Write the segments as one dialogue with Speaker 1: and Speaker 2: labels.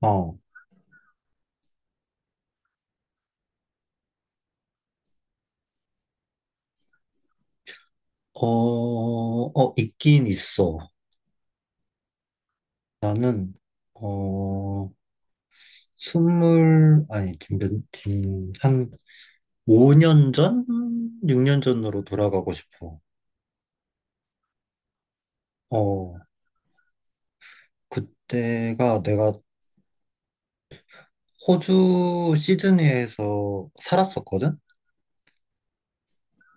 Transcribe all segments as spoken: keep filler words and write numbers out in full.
Speaker 1: 어, 어, 어, 있긴 있어. 나는, 어, 스물, 아니, 지금, 몇, 지금 한 오 년 전? 육 년 전으로 돌아가고 싶어. 어, 그때가 내가 호주 시드니에서 살았었거든?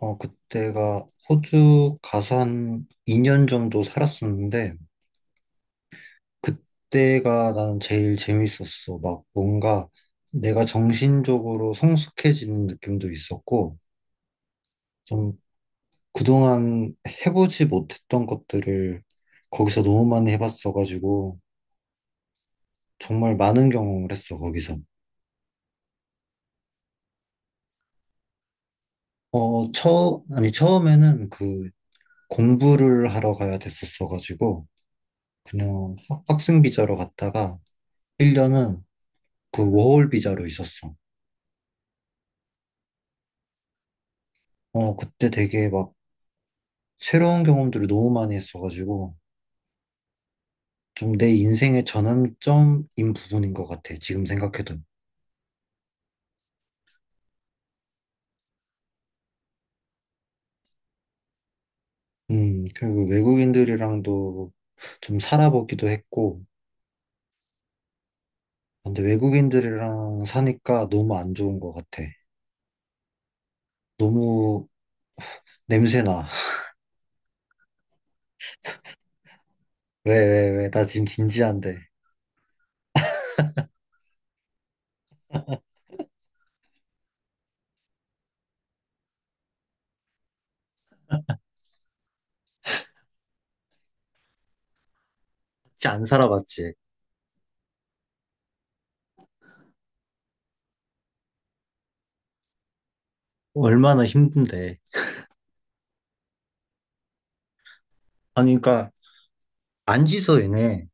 Speaker 1: 어, 그때가 호주 가서 한 이 년 정도 살았었는데, 그때가 나는 제일 재밌었어. 막 뭔가 내가 정신적으로 성숙해지는 느낌도 있었고, 좀 그동안 해보지 못했던 것들을 거기서 너무 많이 해봤어가지고, 정말 많은 경험을 했어, 거기서. 어, 처, 아니, 처음에는 그 공부를 하러 가야 됐었어가지고, 그냥 학- 학생 비자로 갔다가, 일 년은 그 워홀 비자로 있었어. 어, 그때 되게 막 새로운 경험들을 너무 많이 했어가지고, 좀 내 인생의 전환점인 부분인 것 같아. 지금 생각해도. 음, 그리고 외국인들이랑도 좀 살아보기도 했고, 근데 외국인들이랑 사니까 너무 안 좋은 것 같아. 너무 냄새나. 왜, 왜, 왜? 나 지금 진지한데. 진짜 안 살아봤지. 얼마나 힘든데. 아니, 그러니까, 안지서 얘네.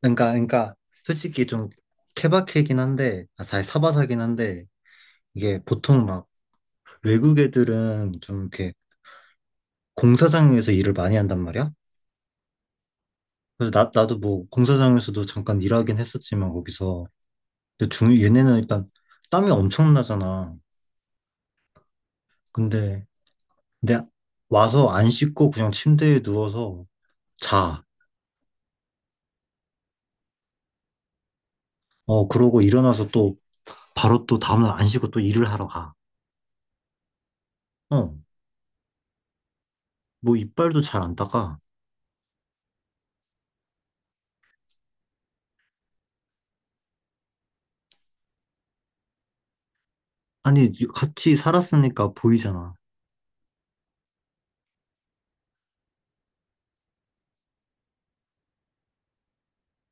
Speaker 1: 그러니까, 그러니까, 솔직히 좀 케바케긴 한데, 아, 사실 사바사긴 한데, 이게 보통 막 외국 애들은 좀 이렇게 공사장에서 일을 많이 한단 말이야. 그래서 나, 나도 뭐 공사장에서도 잠깐 일하긴 했었지만 거기서. 근데 중 얘네는 일단 땀이 엄청나잖아. 근데 근데 와서 안 씻고 그냥 침대에 누워서 자. 어 그러고 일어나서 또 바로 또 다음날 안 씻고 또 일을 하러 가. 어 뭐 이빨도 잘 안 닦아. 아니 같이 살았으니까 보이잖아.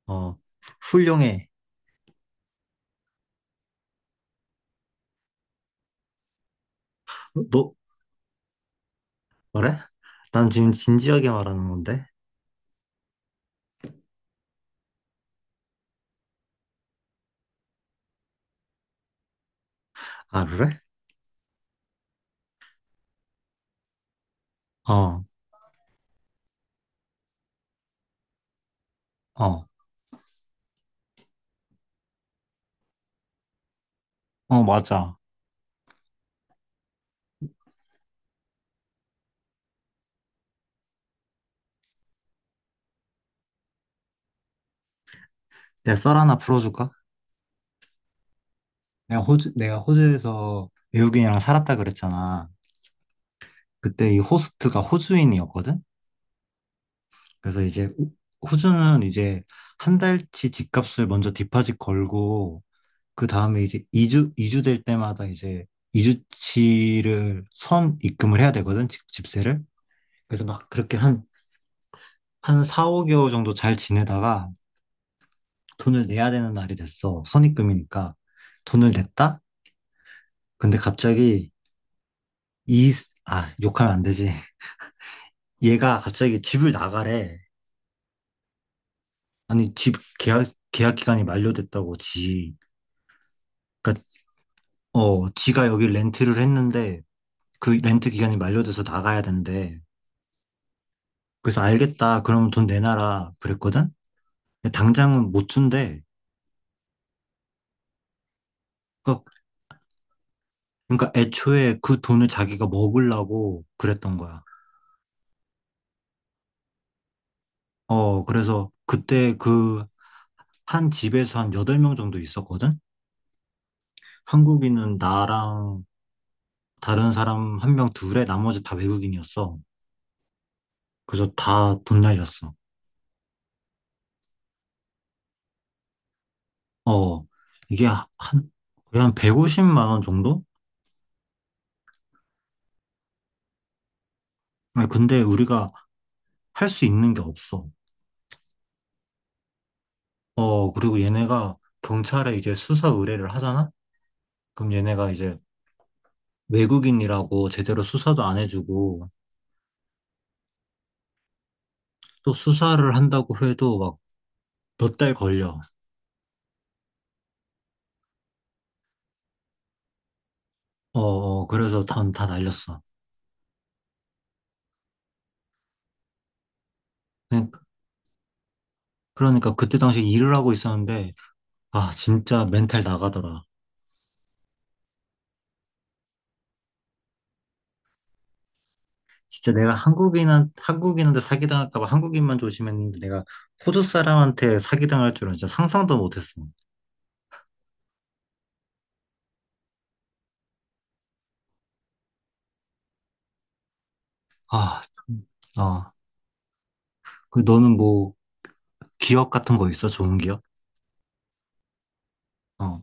Speaker 1: 어. 훌륭해. 너 그래? 난 지금 진지하게 말하는 건데. 아, 그래? 어, 어. 어, 맞아. 내가 썰 하나 풀어줄까? 내가 호주, 내가 호주에서 외국인이랑 살았다 그랬잖아. 그때 이 호스트가 호주인이었거든? 그래서 이제 호- 호주는 이제 한 달 치 집값을 먼저 디파짓 걸고, 그 다음에 이제 이주이주될 때마다 이제 이주치를선 입금을 해야 되거든? 집, 집세를. 그래서 막 그렇게 한, 한 사, 오 개월 정도 잘 지내다가 돈을 내야 되는 날이 됐어. 선입금이니까. 돈을 냈다? 근데 갑자기 이, 아, 욕하면 안 되지. 얘가 갑자기 집을 나가래. 아니, 집 계약, 계약 기간이 만료됐다고, 지. 그니까, 어, 지가 여기 렌트를 했는데, 그 렌트 기간이 만료돼서 나가야 된대. 그래서 알겠다. 그럼 돈 내놔라. 그랬거든? 근데 당장은 못 준대. 그니까, 그니까 애초에 그 돈을 자기가 먹으려고 그랬던 거야. 어, 그래서 그때 그 한 집에서 한 여덟 명 정도 있었거든? 한국인은 나랑 다른 사람 한 명 둘에 나머지 다 외국인이었어. 그래서 다 돈 날렸어. 어, 이게 한, 거의 한 백오십만 원 정도? 아니, 근데 우리가 할 수 있는 게 없어. 어, 그리고 얘네가 경찰에 이제 수사 의뢰를 하잖아? 그럼 얘네가 이제 외국인이라고 제대로 수사도 안 해주고, 또 수사를 한다고 해도 막 몇 달 걸려. 어, 어, 그래서 다, 다 날렸어. 그러니까 그러니까 그때 당시 일을 하고 있었는데, 아, 진짜 멘탈 나가더라. 진짜 내가 한국인한 한국인한테 사기당할까 봐 한국인만 조심했는데 내가 호주 사람한테 사기당할 줄은 진짜 상상도 못했어. 아, 참. 어. 그 너는 뭐 기억 같은 거 있어? 좋은 기억? 어,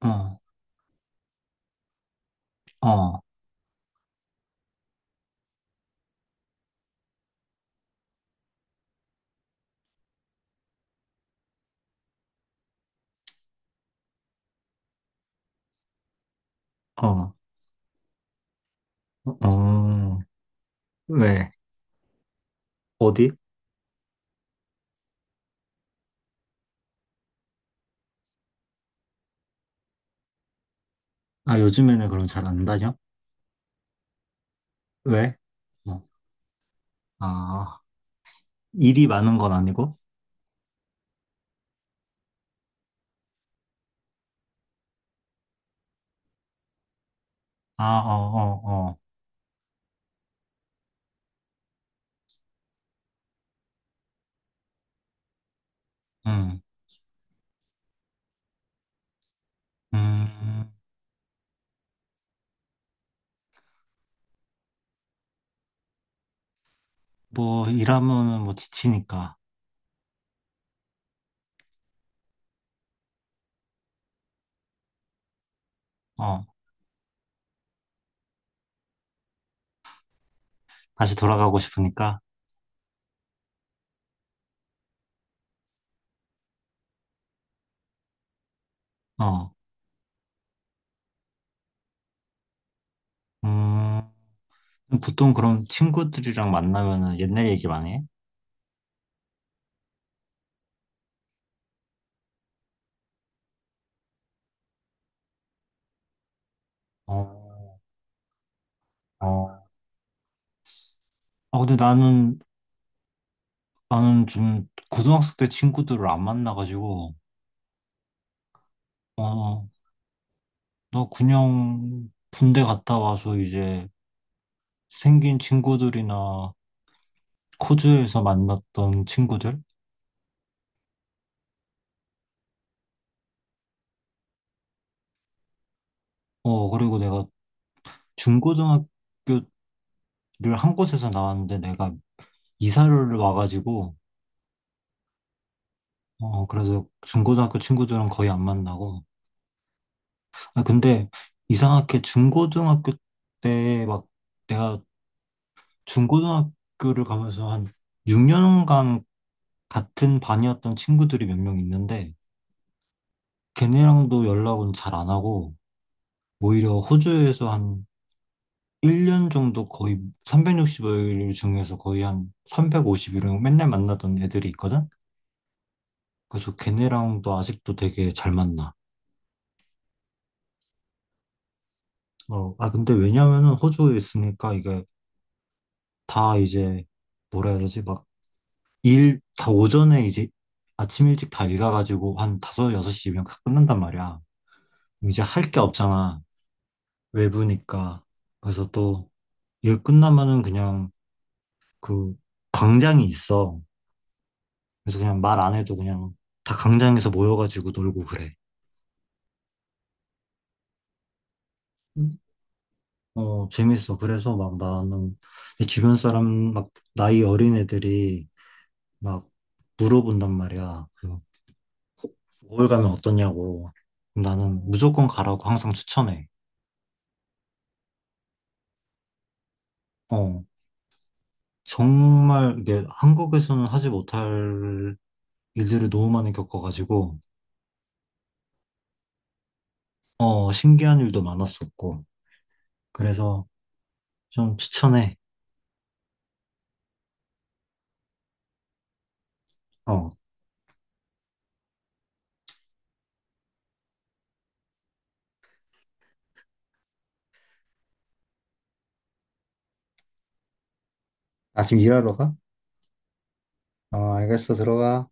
Speaker 1: 어, 어, 어, 어. 왜? 어디? 아, 요즘에는 그럼 잘 안 다녀? 왜? 어. 아, 일이 많은 건 아니고? 아, 어, 어, 어. 음, 음. 뭐 일하면은 뭐 지치니까. 어. 다시 돌아가고 싶으니까. 어. 음, 보통 그럼 친구들이랑 만나면은 옛날 얘기 많이 해? 어, 어. 아, 근데 나는, 나는 좀 고등학생 때 친구들을 안 만나가지고, 어, 나 그냥 군대 갔다 와서 이제 생긴 친구들이나 코즈에서 만났던 친구들? 어, 그리고 내가 중고등학교를 한 곳에서 나왔는데 내가 이사를 와가지고, 어, 그래서 중고등학교 친구들은 거의 안 만나고, 아, 근데 이상하게 중고등학교 때 막 내가 중고등학교를 가면서 한 육 년간 같은 반이었던 친구들이 몇 명 있는데 걔네랑도 연락은 잘 안 하고 오히려 호주에서 한 일 년 정도 거의 삼백육십오 일 중에서 거의 한 삼백오십 일은 맨날 만나던 애들이 있거든? 그래서 걔네랑도 아직도 되게 잘 만나. 어, 아, 근데 왜냐면은 호주에 있으니까 이게 다 이제 뭐라 해야 되지? 일, 다 오전에 이제 아침 일찍 다 일가가지고 한 다섯, 여섯시 이면 다 끝난단 말이야. 그럼 이제 할 게 없잖아. 외부니까. 그래서 또 일 끝나면은 그냥 그 광장이 있어. 그래서 그냥 말 안 해도 그냥 다 광장에서 모여가지고 놀고 그래. 음. 어, 재밌어. 그래서 막 나는 내 주변 사람 막 나이 어린 애들이 막 물어본단 말이야. 그 월 가면 어떠냐고. 나는 무조건 가라고 항상 추천해. 어, 정말 이게 한국에서는 하지 못할 일들을 너무 많이 겪어가지고, 어, 신기한 일도 많았었고, 그래서 좀 추천해. 어. 나 지금 일하러 가? 어, 알겠어. 들어가.